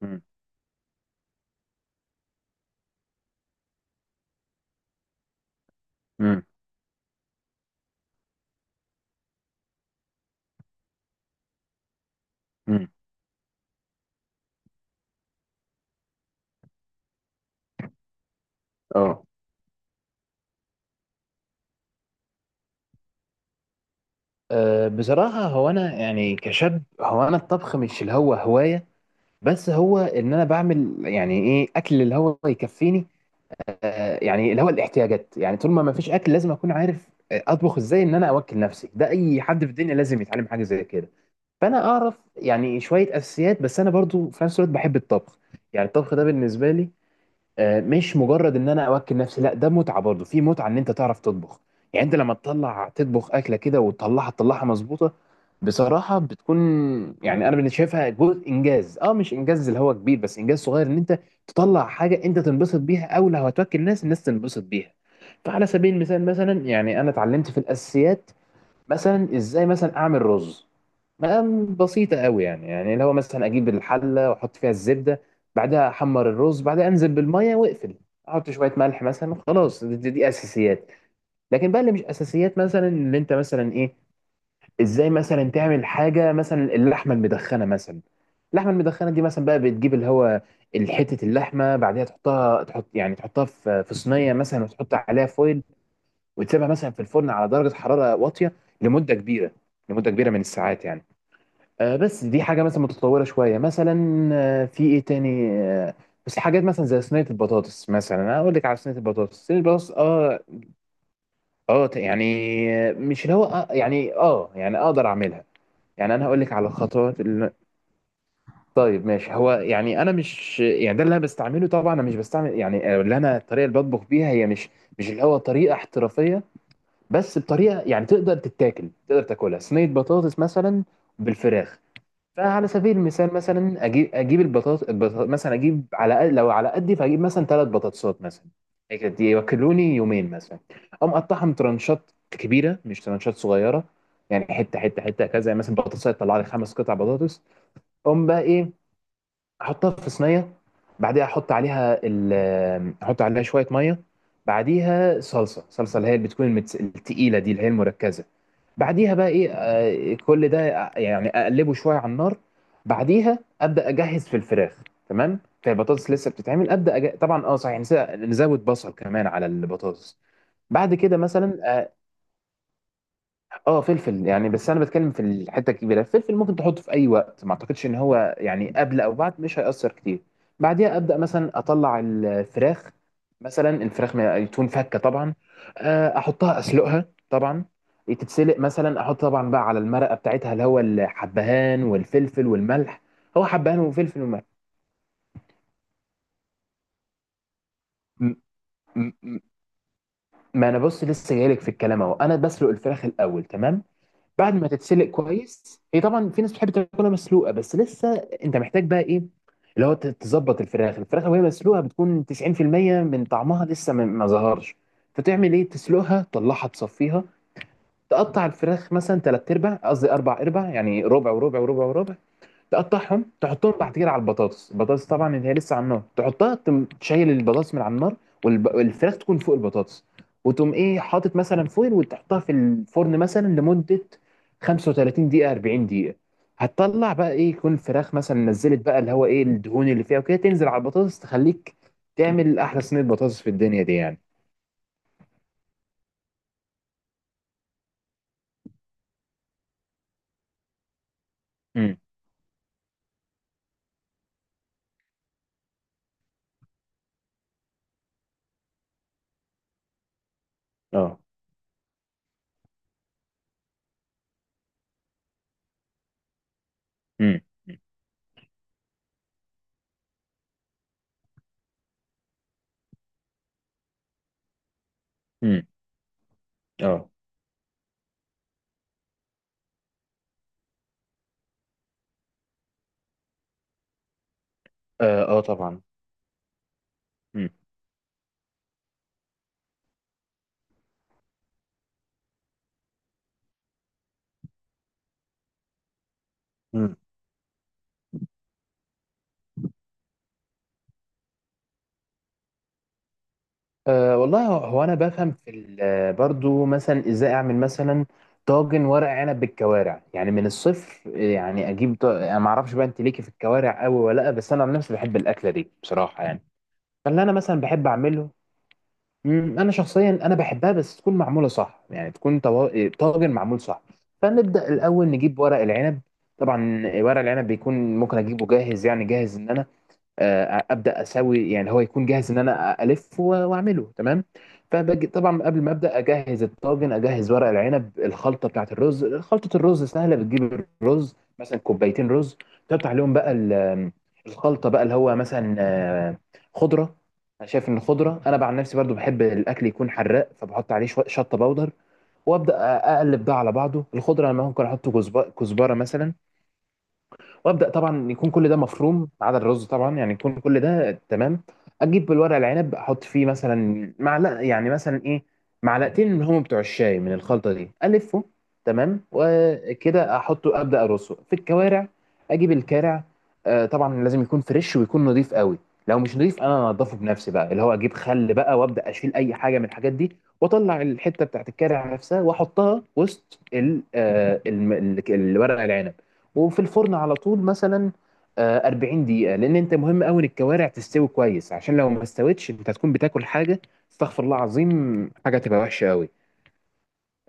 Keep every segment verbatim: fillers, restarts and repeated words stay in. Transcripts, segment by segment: مم. مم. مم. اه. أه، بصراحة هو أنا يعني كشاب، هو أنا الطبخ مش اللي هو هواية. بس هو إن أنا بعمل يعني إيه أكل اللي هو يكفيني. أه، يعني اللي هو الاحتياجات، يعني طول ما ما فيش أكل لازم أكون عارف، آه، أطبخ إزاي إن أنا أوكل نفسي. ده أي حد في الدنيا لازم يتعلم حاجة زي كده. فأنا أعرف يعني شوية أساسيات، بس أنا برضو في نفس الوقت بحب الطبخ. يعني الطبخ ده بالنسبة لي آه، مش مجرد ان انا اوكل نفسي، لا ده متعه، برضه في متعه ان انت تعرف تطبخ. يعني انت لما تطلع تطبخ اكله كده وتطلعها، تطلعها مظبوطه بصراحه بتكون، يعني انا بالنسبه شايفها جزء انجاز، اه مش انجاز اللي هو كبير بس انجاز صغير، ان انت تطلع حاجه انت تنبسط بيها او لو هتوكل ناس الناس تنبسط بيها. فعلى سبيل المثال مثلا يعني انا اتعلمت في الاساسيات. مثلا ازاي مثلا اعمل رز، مقام بسيطة قوي، يعني يعني اللي هو مثلا أجيب الحلة وأحط فيها الزبدة، بعدها أحمر الرز، بعدها أنزل بالمية وأقفل، أحط شوية ملح مثلا. خلاص، دي, دي, دي أساسيات. لكن بقى اللي مش أساسيات مثلا اللي أنت مثلا إيه، إزاي مثلا تعمل حاجة مثلا اللحمة المدخنة مثلا. اللحمة المدخنة دي مثلا بقى بتجيب اللي هو حتة اللحمة، بعدها تحطها تحط يعني تحطها في في صينية مثلا وتحط عليها فويل، وتسيبها مثلا في الفرن على درجة حرارة واطية لمدة كبيرة، لمدة كبيرة من الساعات يعني. آه، بس دي حاجة مثلا متطورة شوية مثلا. آه، في ايه تاني آه، بس حاجات مثلا زي صينية البطاطس مثلا، انا اقول لك على صينية البطاطس صينية البطاطس. اه، اه، ت- يعني آه، مش اللي هو آه يعني اه يعني اقدر اعملها، يعني انا هقول لك على الخطوات اللي. طيب ماشي، هو يعني انا مش يعني ده اللي انا بستعمله، طبعا انا مش بستعمل يعني، آه، اللي انا الطريقة اللي بطبخ بيها هي مش مش اللي هو طريقة احترافية، بس بطريقة يعني تقدر تتاكل، تقدر تاكلها صينية بطاطس مثلا بالفراخ. فعلى سبيل المثال مثلا اجيب اجيب البطاط البطا- مثلا اجيب على قد- لو على قدي فاجيب مثلا ثلاث بطاطسات مثلا. هيك دي ياكلوني يومين مثلا. اقوم اقطعهم ترانشات كبيره مش ترانشات صغيره، يعني حته حته حته كذا يعني. مثلا بطاطس تطلع لي خمس قطع بطاطس. اقوم بقى ايه، احطها في صينيه. بعديها احط عليها ال- احط عليها شويه ميه. بعديها صلصه صلصه، اللي هي اللي بتكون المتس- التقيله، دي اللي هي المركزه. بعديها بقى ايه، آه، كل ده، آه، يعني اقلبه شويه على النار. بعديها ابدا اجهز في الفراخ. تمام، فالبطاطس لسه بتتعمل، ابدا أج... طبعا، اه، صحيح، نس- نزود بصل كمان على البطاطس. بعد كده مثلا آه، اه فلفل، يعني بس انا بتكلم في الحته الكبيره. الفلفل ممكن تحطه في اي وقت، ما اعتقدش ان هو يعني قبل او بعد مش هيأثر كتير. بعديها ابدا مثلا اطلع الفراخ. مثلا الفراخ ما- تكون فكه طبعا. آه، احطها اسلقها طبعا، تتسلق مثلا، احط طبعا بقى على المرقه بتاعتها اللي هو الحبهان والفلفل والملح، هو حبهان وفلفل وملح. م- م- م- ما انا بص لسه جايلك في الكلام اهو، انا بسلق الفراخ الاول تمام. بعد ما تتسلق كويس هي، طبعا في ناس بتحب تاكلها مسلوقه، بس لسه انت محتاج بقى ايه، اللي هو ت- تظبط الفراخ الفراخ، وهي مسلوقه بتكون تسعين في المية من طعمها، لسه ما ما ظهرش. فتعمل ايه، تسلقها تطلعها تصفيها. تقطع الفراخ مثلا تلات ارباع، قصدي اربع ارباع، يعني ربع وربع وربع وربع. تقطعهم تحطهم بعد كده على البطاطس. البطاطس طبعا اللي هي لسه على النار، تحطها، تم- تشيل البطاطس من على النار، والب- والفراخ تكون فوق البطاطس. وتقوم ايه، حاطط مثلا فويل وتحطها في الفرن مثلا لمدة خمس وثلاثين دقيقة، اربعين دقيقة. هتطلع بقى ايه، يكون الفراخ مثلا نزلت بقى اللي هو ايه الدهون اللي فيها وكده، تنزل على البطاطس، تخليك تعمل احلى صينية بطاطس في الدنيا دي يعني. امم. اه. امم. امم. اه. اه. آه، طبعا. امم. أه والله، هو هو انا بفهم في ال- برضو مثلا ازاي اعمل مثلا طاجن ورق عنب بالكوارع، يعني من الصفر. يعني اجيب ط- انا ما اعرفش بقى انت ليكي في الكوارع قوي ولا لا، بس انا عن نفسي بحب الاكله دي بصراحه يعني. فاللي انا مثلا بحب اعمله، مم، انا شخصيا انا بحبها بس تكون معموله صح، يعني تكون طوا- طاجن معمول صح. فنبدا الاول نجيب ورق العنب. طبعا ورق العنب بيكون ممكن اجيبه جاهز، يعني جاهز ان انا آه، ابدا اسوي، يعني هو يكون جاهز ان انا الف و- واعمله تمام. فبجي طبعا قبل ما ابدا اجهز الطاجن، اجهز ورق العنب، الخلطه بتاعت الرز. خلطه الرز سهله، بتجيب الرز مثلا كوبايتين رز، تقطع عليهم بقى ال- الخلطه بقى اللي هو مثلا آه، خضره. انا شايف ان الخضره، انا بقى عن نفسي برضو بحب الاكل يكون حراق، فبحط عليه شويه شطه بودر وابدا اقلب ده على بعضه. الخضره انا ممكن احط كزب- كزبره مثلا، وابدا طبعا يكون كل ده مفروم ما عدا الرز طبعا، يعني يكون كل ده تمام. اجيب الورق العنب، احط فيه مثلا معلقه، يعني مثلا ايه، معلقتين من هم بتوع الشاي من الخلطه دي الفه. تمام، وكده احطه ابدا ارصه في الكوارع. اجيب الكارع، آه طبعا لازم يكون فريش ويكون نظيف قوي. لو مش نظيف انا انضفه بنفسي بقى اللي هو اجيب خل بقى وابدا اشيل اي حاجه من الحاجات دي، واطلع الحته بتاعت الكارع نفسها واحطها وسط ال- آه، الم- ال- الورق العنب. وفي الفرن على طول مثلا آه، اربعين دقيقة، لأن أنت مهم أوي إن الكوارع تستوي كويس، عشان لو ما استوتش أنت هتكون بتاكل حاجة، استغفر الله العظيم، حاجة تبقى وحشة أوي.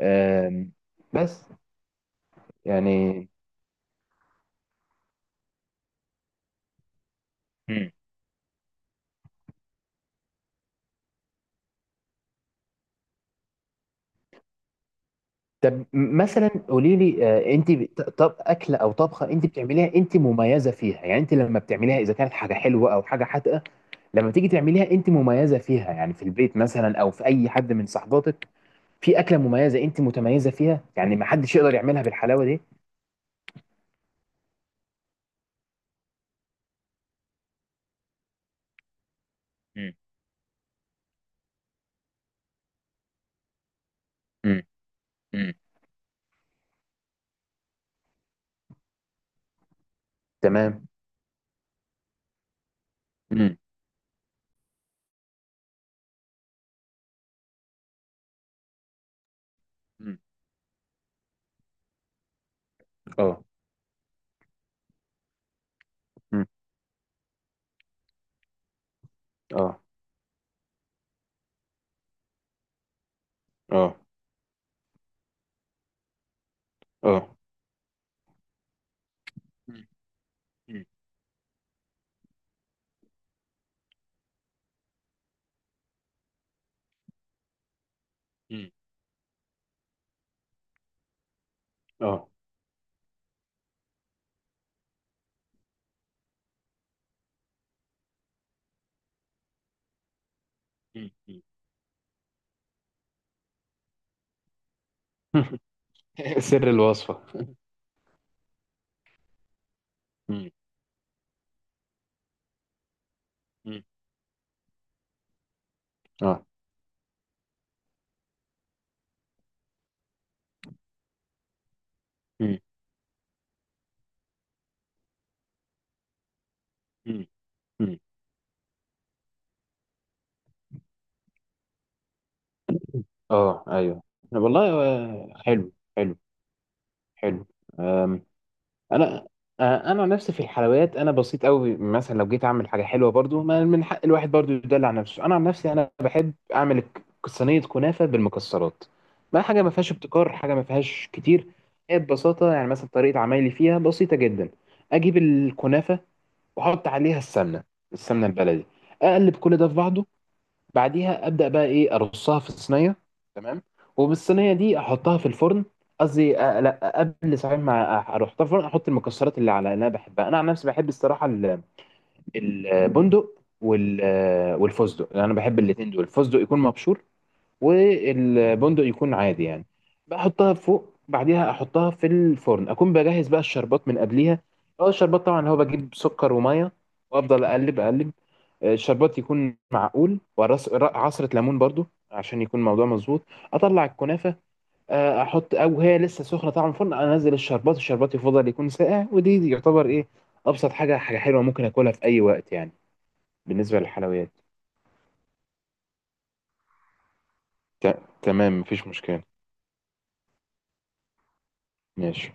آم، بس يعني. مم. طب مثلا قولي لي، آه، أنت بت- طب أكلة أو طبخة أنت بتعمليها أنت مميزة فيها؟ يعني أنت لما بتعمليها، إذا كانت حاجة حلوة أو حاجة حادقة، لما تيجي تعمليها أنت مميزة فيها، يعني في البيت مثلا أو في أي حد من صحباتك، في أكلة مميزة أنت متميزة فيها، يعني ما حدش يقدر يعملها بالحلاوة دي؟ مم. مم. مم. تمام. مم. مم. اه. مم. اه. اه. اه. مم. مم. مم. اه. مم. مم. سر الوصفة. مم. مم. اه. مم. مم. مم. اه. ايوه. والله آه، حلو، حلو، حلو. انا، آه، انا عن نفسي في الحلويات انا بسيط قوي. مثلا لو جيت اعمل حاجه حلوه، برضو ما من حق الواحد برضو يدلع نفسه. انا عن نفسي انا بحب اعمل ك- صينيه كنافه بالمكسرات. ما حاجه ما فيهاش ابتكار، حاجه ما فيهاش كتير، هي ببساطه يعني مثلا طريقه عمايلي فيها بسيطه جدا. اجيب الكنافه واحط عليها السمنه، السمنه البلدي. اقلب كل ده في بعضه. بعديها ابدا بقى ايه، ارصها في الصينيه. تمام، وبالصينيه دي احطها في الفرن. قصدي آه، لا، قبل، صحيح، ما اروح في الفرن احط المكسرات اللي على اللي انا بحبها. انا عن نفسي بحب الصراحه ال- البندق وال آه، والفستق، انا بحب الاثنين دول. الفستق يكون مبشور والبندق يكون عادي يعني. بحطها فوق، بعديها احطها في الفرن، اكون بجهز بقى الشربات من قبليها. اه الشربات طبعا هو بجيب سكر وميه وافضل اقلب اقلب. الشربات يكون معقول، ورص ر- عصرة ليمون برضو عشان يكون الموضوع مظبوط. اطلع الكنافة، آه، احط، او هي لسه سخنة طعم الفرن، انزل الشربات. الشربات يفضل يكون ساقع. ودي دي يعتبر ايه، ابسط حاجة، حاجة حلوة ممكن اكلها في اي وقت يعني بالنسبة للحلويات. ت- تمام مفيش مشكلة. ماشي